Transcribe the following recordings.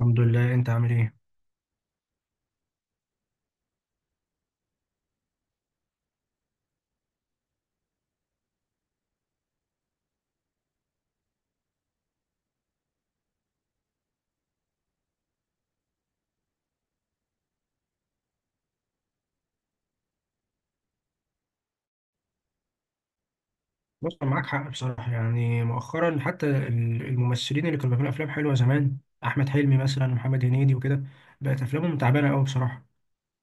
الحمد لله، انت عامل ايه؟ بص، أنا معاك حق بصراحه. يعني مؤخرا حتى الممثلين اللي كانوا بيعملوا افلام حلوه زمان، احمد حلمي مثلا، محمد هنيدي وكده، بقت افلامهم تعبانه قوي بصراحه.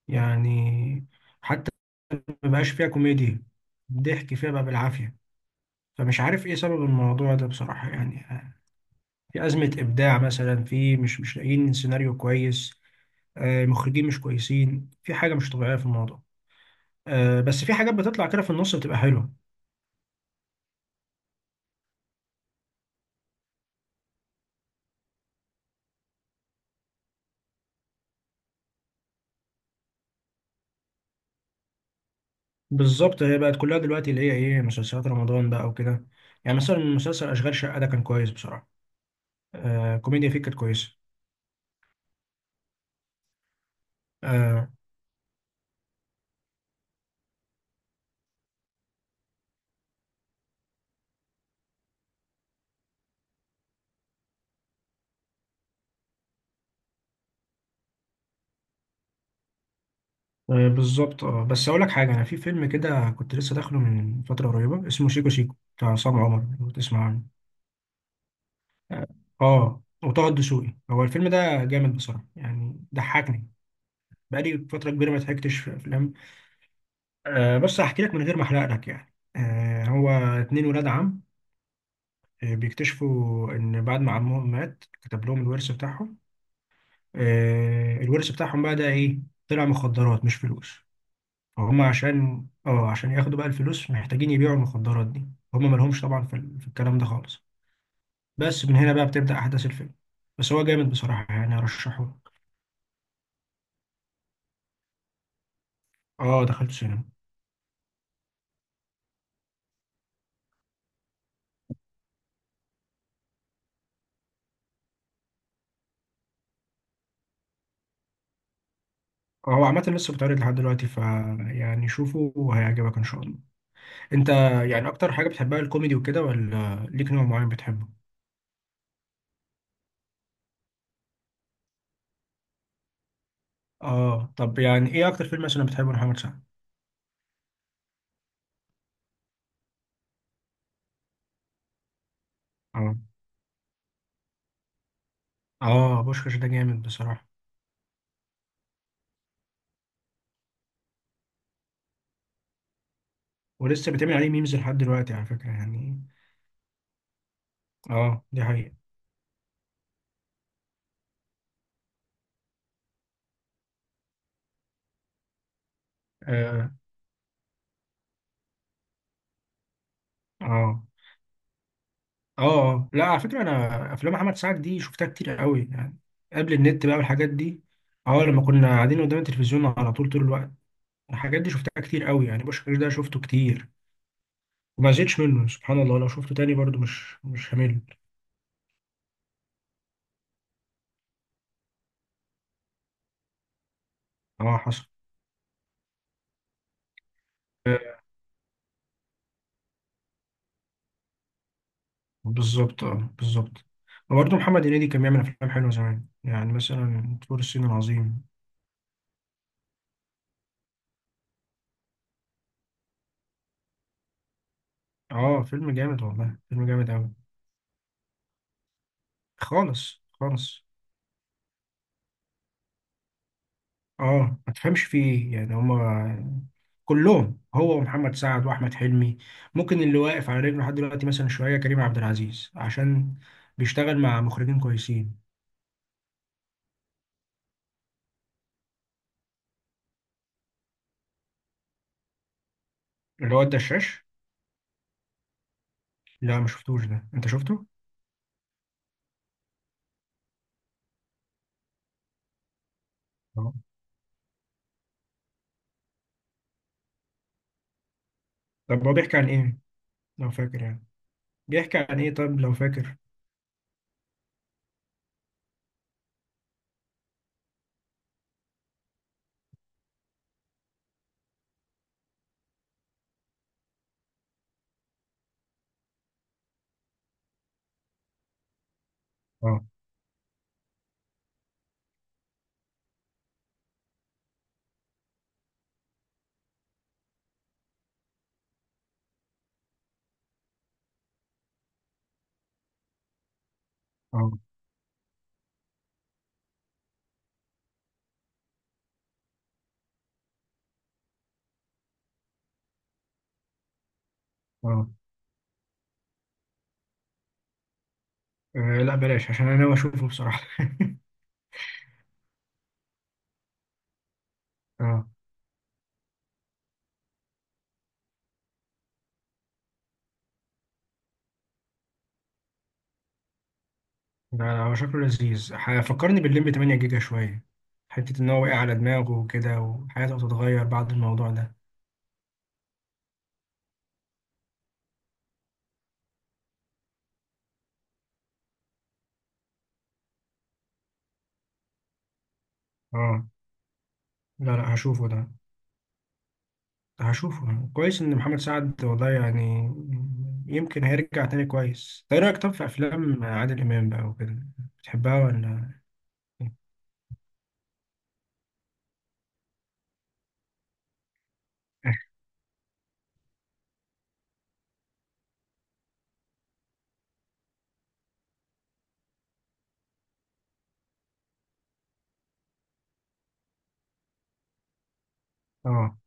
يعني حتى ما بقاش فيها كوميديا، ضحك فيها بقى بالعافيه. فمش عارف ايه سبب الموضوع ده بصراحه. يعني في ازمه ابداع مثلا، في مش لاقيين سيناريو كويس، مخرجين مش كويسين، في حاجه مش طبيعيه في الموضوع. بس في حاجات بتطلع كده في النص بتبقى حلوه. بالظبط، هي بقت كلها دلوقتي اللي هي ايه، مسلسلات رمضان بقى وكده. يعني مثلا مسلسل اشغال شقه ده كان كويس بصراحه. آه كوميديا فيه كانت كويسه. آه، بالظبط. اه بس اقول لك حاجه، انا في فيلم كده كنت لسه داخله من فتره قريبه اسمه شيكو شيكو بتاع عصام عمر، لو تسمع عنه. اه، وطه دسوقي. هو الفيلم ده جامد بصراحه يعني، ضحكني. بقالي فتره كبيره ما ضحكتش في افلام. آه بس هحكي لك من غير ما احرق لك يعني. آه هو اتنين ولاد عم، بيكتشفوا إن بعد ما عمهم مات كتب لهم الورث بتاعهم. الورث بتاعهم بقى ده إيه؟ طلع مخدرات مش فلوس. فهم عشان اه عشان ياخدوا بقى الفلوس محتاجين يبيعوا المخدرات دي. هم مالهمش طبعا في, في الكلام ده خالص. بس من هنا بقى بتبدأ أحداث الفيلم. بس هو جامد بصراحة يعني، أرشحه لك. اه دخلت سينما. هو عامة لسه بيتعرض لحد دلوقتي، ف يعني شوفه وهيعجبك إن شاء الله. أنت يعني أكتر حاجة بتحبها الكوميدي وكده، ولا ليك نوع معين بتحبه؟ اه طب يعني ايه اكتر فيلم مثلا بتحبه لمحمد سعد؟ اه، اه بوشكاش ده جامد بصراحه. ولسه بيتعمل عليه ميمز لحد دلوقتي على فكره يعني. اه دي حقيقه. اه، اه، اه، آه. لا على فكره انا افلام محمد سعد دي شفتها كتير قوي يعني، قبل النت بقى والحاجات دي. اه لما كنا قاعدين قدام التلفزيون على طول طول الوقت، الحاجات دي شفتها كتير قوي يعني. بوشكاش ده شفته كتير وما زهقتش منه سبحان الله. لو شفته تاني برضو مش همل. اه حصل. بالظبط اه بالظبط. وبرضه محمد هنيدي كان بيعمل افلام حلوه زمان، يعني مثلا فول الصين العظيم. اه فيلم جامد والله، فيلم جامد قوي. خالص خالص. اه ما تفهمش فيه إيه. يعني هما كلهم، هو ومحمد سعد واحمد حلمي. ممكن اللي واقف على رجله لحد دلوقتي مثلا شويه كريم عبد العزيز، عشان بيشتغل مع مخرجين كويسين. اللي هو الدشاش. لا ما شفتوش ده، انت شفته. اه طب هو بيحكي عن ايه لو فاكر يعني؟ بيحكي عن ايه طب لو فاكر؟ اه، اه، اه، آه لا بلاش عشان انا ناوي اشوفه بصراحه. اه ده هو شكله لذيذ، فكرني بالليمبي 8 جيجا شويه. حته ان هو واقع على دماغه وكده وحياته هتتغير بعد الموضوع ده. اه. لا لا هشوفه ده. هشوفه كويس ان محمد سعد والله يعني، يمكن هيرجع تاني كويس. ايه رايك طب في افلام عادل امام بقى وكده، بتحبها ولا؟ إيه؟ اه،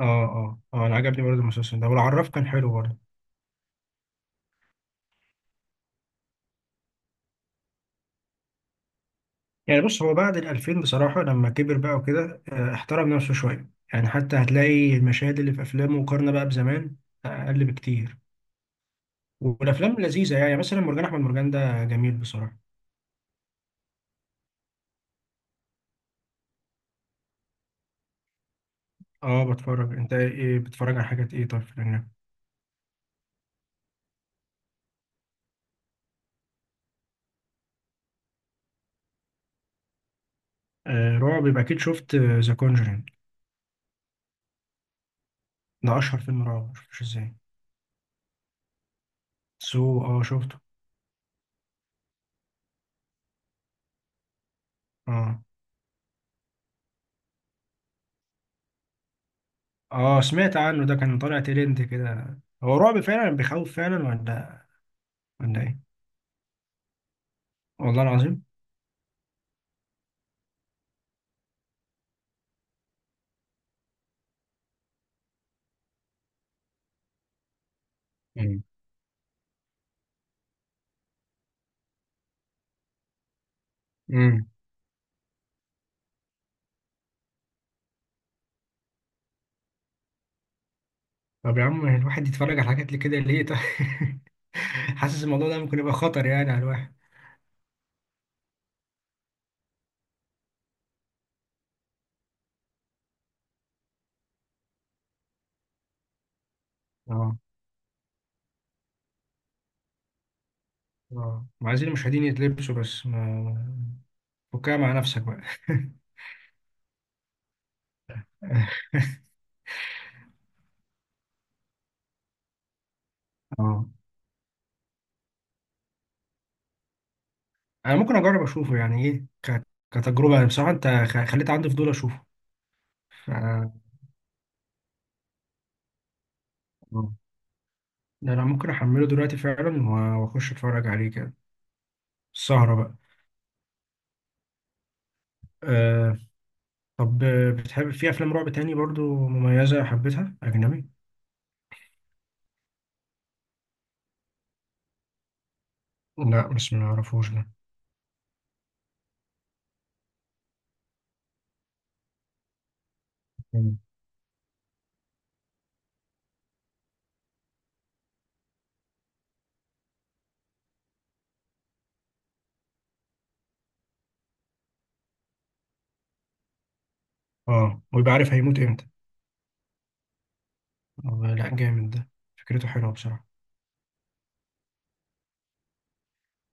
اه، اه. اه انا عجبني برضه المسلسل ده، والعراف كان حلو برضه. يعني بص هو بعد ال 2000 بصراحة لما كبر بقى وكده، احترم نفسه شوية يعني. حتى هتلاقي المشاهد اللي في أفلامه مقارنة بقى بزمان، أقل بكتير. والأفلام لذيذة، يعني مثلا مرجان أحمد مرجان ده جميل بصراحة. أه بتفرج. أنت إيه بتتفرج على حاجات إيه طيب في الأجنبي؟ آه رعب يبقى أكيد شفت ذا كونجرينج. ده أشهر فيلم رعب، مشفتوش إزاي؟ سو، أه شفته. أه، أه سمعت عنه، ده كان طالع ترند كده. هو رعب فعلا بيخوف فعلا ولا، ولا إيه؟ والله العظيم. مم. طب يا عم الواحد يتفرج على حاجات كده ليه طيب؟ حاسس الموضوع ده ممكن يبقى خطر يعني على الواحد. اه، اه ما عايزين المشاهدين يتلبسوا بس ما. فكها مع نفسك بقى. اه انا ممكن اجرب اشوفه يعني، ايه كتجربه يعني بصراحه. انت خليت عندي فضول اشوفه. ف... اه ده انا ممكن احمله دلوقتي فعلا واخش اتفرج عليه كده، السهره بقى. أه. طب بتحب في افلام رعب تاني برضو مميزه حبيتها اجنبي؟ لا بس ما اعرفوش ده. مم. اه ويبقى عارف هيموت امتى. والله لا جامد ده، فكرته حلوة بصراحة.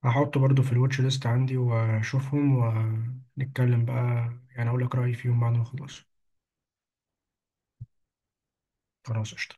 هحطه برضو في الواتش ليست عندي واشوفهم. ونتكلم بقى، يعني اقول لك رأيي فيهم بعد ما اخلص. خلاص قشطة.